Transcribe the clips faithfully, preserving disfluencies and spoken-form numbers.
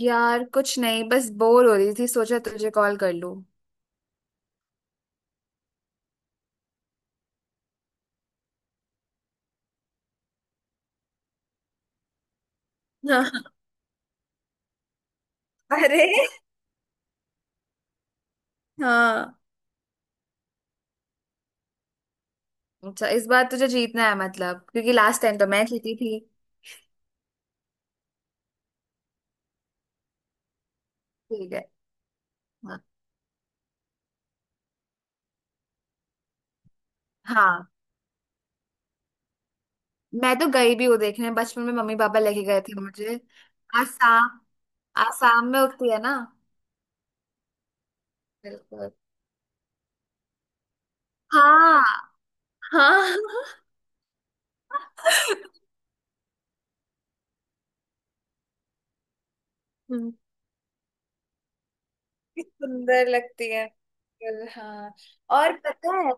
यार कुछ नहीं, बस बोर हो रही थी, सोचा तुझे कॉल कर लूं। हाँ। अरे। हाँ। अच्छा, इस बार तुझे जीतना है मतलब, क्योंकि लास्ट टाइम तो मैं जीती थी। ठीक है। हाँ हाँ। मैं तो गई भी हूँ देखने, बचपन में मम्मी पापा लेके गए थे मुझे। आसाम। आसाम में उगती है ना। बिल्कुल। हाँ। हाँ। हम्म, कितनी सुंदर लगती है बिल्कुल, हाँ। और पता है।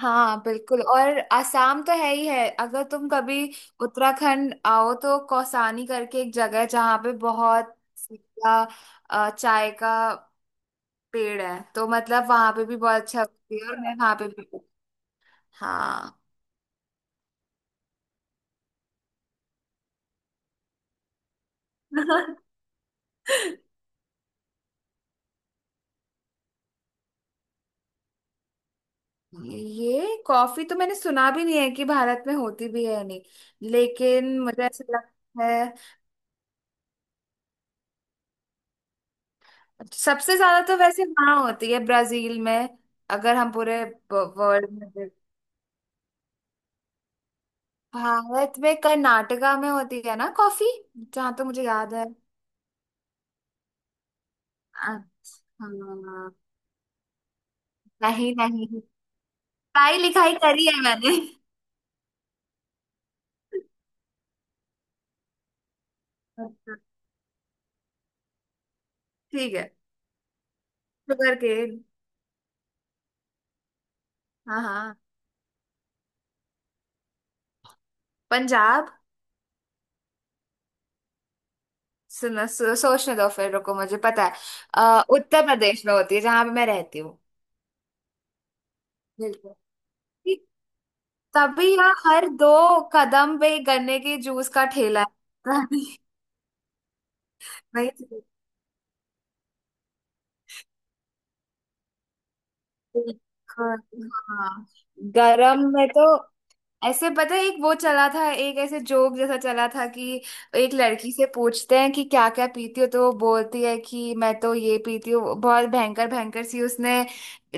हाँ बिल्कुल, और आसाम तो है ही है, अगर तुम कभी उत्तराखंड आओ तो कौसानी करके एक जगह है जहाँ पे बहुत सीधा अ, चाय का पेड़ है, तो मतलब वहां पे भी बहुत अच्छा होती है और मैं वहां पे भी। हाँ। ये कॉफी तो मैंने सुना भी नहीं है कि भारत में होती भी है नहीं, लेकिन मुझे ऐसा लगता है सबसे ज्यादा तो वैसे वहां होती है, ब्राजील में। अगर हम पूरे वर्ल्ड में। भारत में कर्नाटका में होती है ना कॉफी, जहाँ तो मुझे याद है। अच्छा। नहीं नहीं, पढ़ाई लिखाई करी है मैंने। अच्छा। ठीक है। Sugar cane. हाँ हाँ। पंजाब। सुनो सो, सोचने दो फिर, रुको मुझे पता है। अ, उत्तर प्रदेश में होती है, जहां पे मैं रहती हूँ। बिल्कुल। ठीक, तभी यहाँ हर दो कदम पे गन्ने के जूस का ठेला है। नहीं। बिल्कुल। हाँ। गर्म में तो ऐसे पता है, एक वो चला था, एक ऐसे जोक जैसा चला था कि एक लड़की से पूछते हैं कि क्या क्या पीती हो, तो वो बोलती है कि मैं तो ये पीती हूँ, बहुत भयंकर भयंकर सी, उसने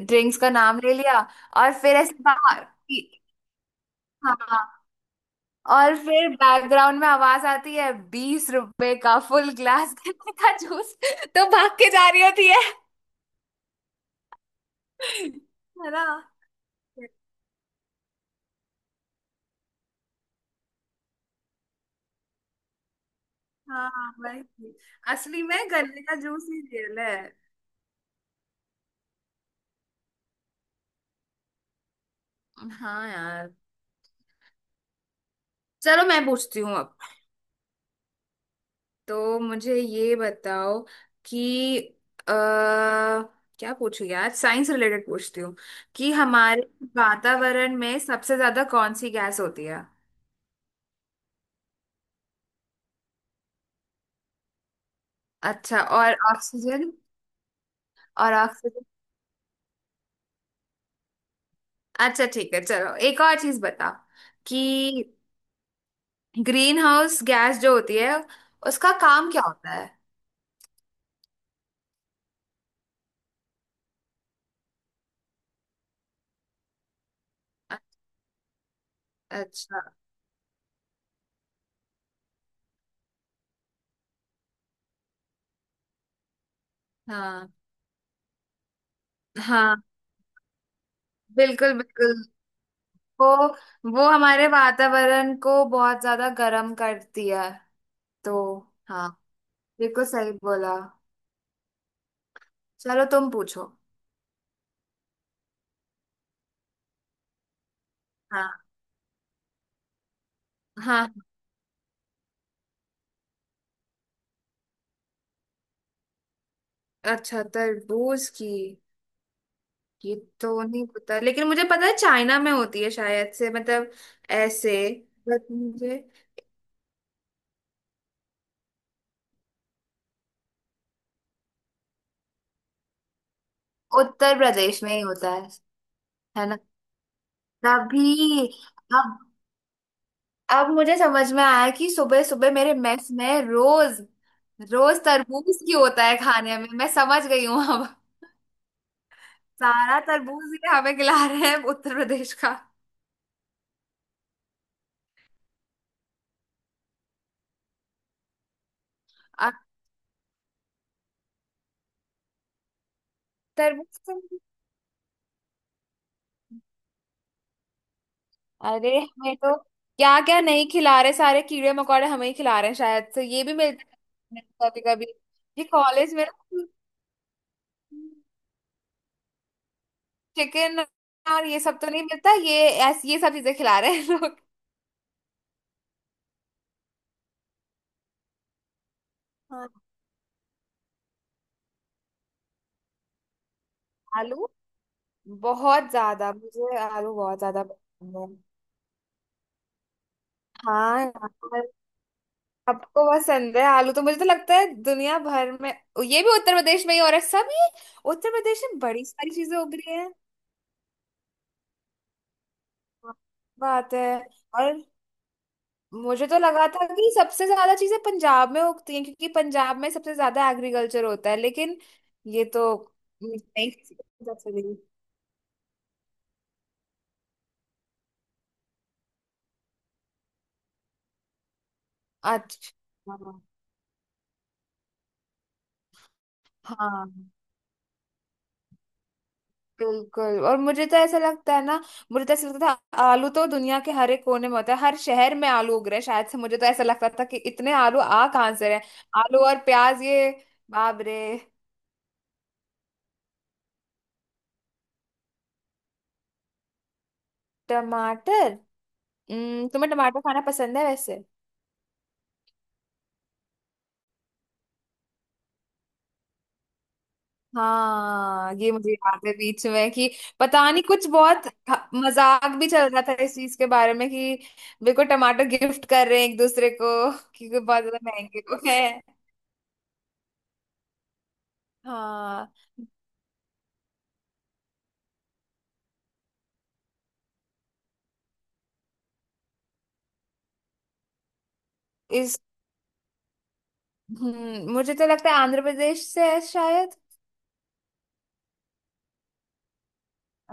ड्रिंक्स का नाम ले लिया, और फिर ऐसे बाहर कि- हाँ, और फिर बैकग्राउंड में आवाज आती है, बीस रुपए का फुल ग्लास गन्ने का जूस, तो भाग के जा रही होती है। है ना। हाँ वही। असली में गन्ने का जूस ही रियल है। हाँ यार। चलो मैं पूछती हूँ अब। तो मुझे ये बताओ कि अ क्या पूछू यार, साइंस रिलेटेड पूछती हूँ कि हमारे वातावरण में सबसे ज्यादा कौन सी गैस होती है? अच्छा। और ऑक्सीजन। और ऑक्सीजन। अच्छा ठीक है, चलो एक और चीज बता, कि ग्रीन हाउस गैस जो होती है उसका काम क्या होता है? अच्छा। हाँ हाँ। बिल्कुल बिल्कुल, वो वो हमारे वातावरण को बहुत ज्यादा गर्म करती है, तो। हाँ। बिल्कुल सही बोला। चलो तुम पूछो। हाँ हाँ। अच्छा तरबूज की ये तो नहीं पता, लेकिन मुझे पता है चाइना में होती है शायद से, मतलब ऐसे, बट मुझे। उत्तर प्रदेश में ही होता है। है ना। तभी। अब अब मुझे समझ में आया कि सुबह सुबह मेरे मेस में रोज रोज तरबूज की होता है खाने में, मैं समझ गई हूँ अब। सारा तरबूज ये हमें खिला रहे हैं उत्तर प्रदेश का। अब तरबूज से- अरे हमें तो क्या क्या नहीं खिला रहे, सारे कीड़े मकोड़े हमें ही खिला रहे हैं शायद, तो ये भी मिलता है कभी कभी, ये कॉलेज में, चिकन और ये सब तो नहीं मिलता, ये ऐस ये सब चीजें खिला रहे हैं लोग। हाँ, आलू बहुत ज्यादा, मुझे आलू बहुत ज्यादा पसंद है। हाँ यार, आपको पसंद है आलू, तो मुझे तो लगता है दुनिया भर में ये भी उत्तर प्रदेश में ही हो रहा है सब, ये उत्तर प्रदेश में बड़ी सारी चीजें उग रही है। बात है। और मुझे तो लगा था कि सबसे ज्यादा चीजें पंजाब में उगती हैं क्योंकि पंजाब में सबसे ज्यादा एग्रीकल्चर होता है, लेकिन ये तो नहीं, नहीं, अच्छा। हाँ बिल्कुल, और मुझे तो ऐसा लगता है ना, मुझे तो ऐसा लगता था आलू तो दुनिया के हर एक कोने में होता है, हर शहर में आलू उग रहे हैं शायद से, मुझे तो ऐसा लगता था कि इतने आलू आ कहाँ से रहे हैं? आलू और प्याज ये, बाप रे। टमाटर। हम्म, तुम्हें टमाटर खाना पसंद है वैसे? हाँ ये मुझे याद है, बीच में कि पता नहीं कुछ बहुत ह- मजाक भी चल रहा था इस चीज के बारे में कि बिल्कुल टमाटर गिफ्ट कर रहे हैं एक दूसरे को, क्योंकि बहुत ज्यादा महंगे हो गए हैं। हाँ। हम्म, मुझे तो लगता है आंध्र प्रदेश से है शायद।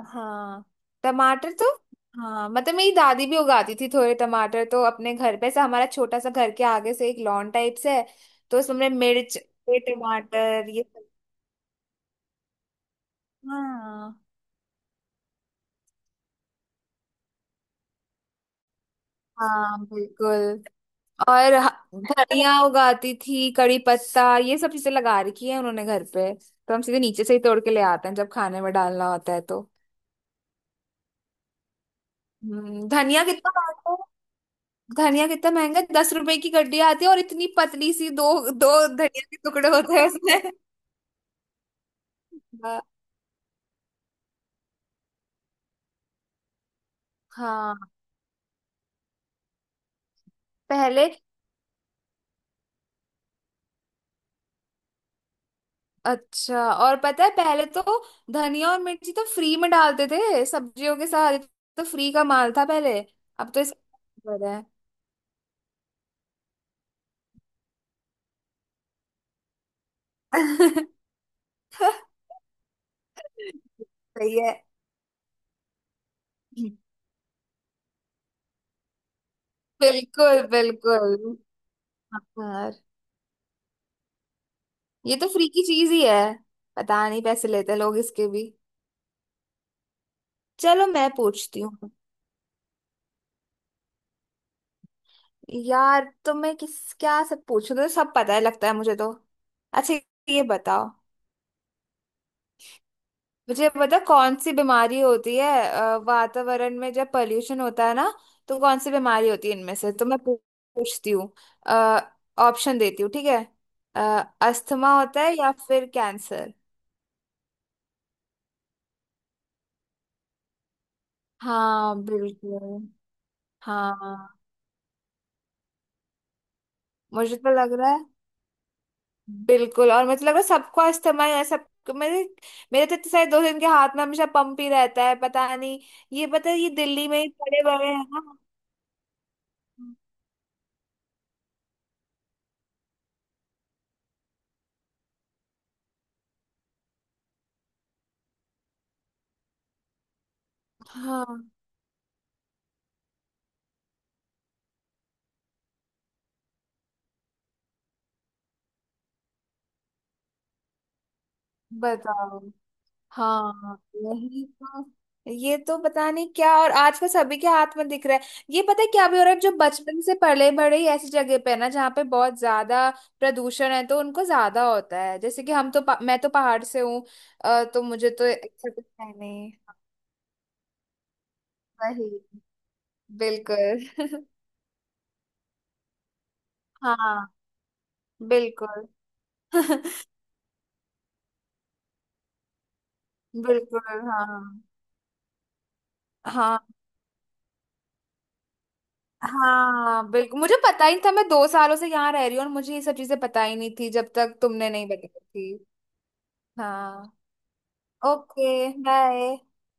हाँ। टमाटर तो, हाँ मतलब मेरी दादी भी उगाती थी थोड़े टमाटर, तो अपने घर पे से, हमारा छोटा सा घर के आगे से एक लॉन टाइप से है, तो उसमें हमने मिर्च ये टमाटर ये सब। हाँ। हाँ बिल्कुल, और ह- धनिया उगाती थी, कड़ी पत्ता, ये सब चीजें लगा रखी है उन्होंने घर पे, तो हम सीधे नीचे से ही तोड़ के ले आते हैं जब खाने में डालना होता है तो। हम्म, धनिया कितना, धनिया कितना महंगा है? दस रुपए की गड्डी आती है और इतनी पतली सी दो दो धनिया के टुकड़े होते हैं उसमें। ब- हाँ। पहले। अच्छा, और पता है, पहले तो धनिया और मिर्ची तो फ्री में डालते थे सब्जियों के साथ, ये तो फ्री का माल था पहले, अब तो इसका हो रहा है। सही है। बिल्कुल बिल्कुल। यार ये तो फ्री की चीज ही है, पता नहीं पैसे लेते लोग इसके भी। चलो मैं पूछती हूँ। यार तो मैं किस क्या सब पूछूं, तो सब पता है लगता है मुझे तो। अच्छा ये बताओ मुझे, पता कौन सी बीमारी होती है अ, वातावरण में जब पॉल्यूशन होता है ना, तो कौन सी बीमारी होती है इनमें से, तो मैं पू- पूछती हूँ, ऑप्शन देती हूँ ठीक है। अ, अस्थमा होता है या फिर कैंसर? हाँ बिल्कुल। हाँ। मुझे तो लग रहा है बिल्कुल, और मतलब लग रहा है सबका इस्तेमाल है सब, मेरे मेरे तो इतने सारे दोस्त हैं, इनके हाथ में हमेशा पंप ही रहता है, पता नहीं, ये पता है ये दिल्ली में ही पड़े बड़े हैं ना। हाँ। बताओ। हाँ यही तो, ये तो पता नहीं क्या, और आजकल सभी के हाथ में दिख रहा है, ये पता है क्या भी हो रहा है, जो बचपन से पले बड़े ही ऐसी जगह पे है ना जहाँ पे बहुत ज्यादा प्रदूषण है, तो उनको ज्यादा होता है, जैसे कि हम तो पा- मैं तो पहाड़ से हूँ, अ, तो मुझे तो ऐसा कुछ है नहीं। वही। बिल्कुल। हाँ। बिल्कुल। बिल्कुल। हाँ। हाँ। हाँ बिल्कुल, मुझे पता ही नहीं था, मैं दो सालों से यहाँ रह रही हूँ और मुझे ये सब चीजें पता ही नहीं थी जब तक तुमने नहीं बताई थी। हाँ। ओके। बाय।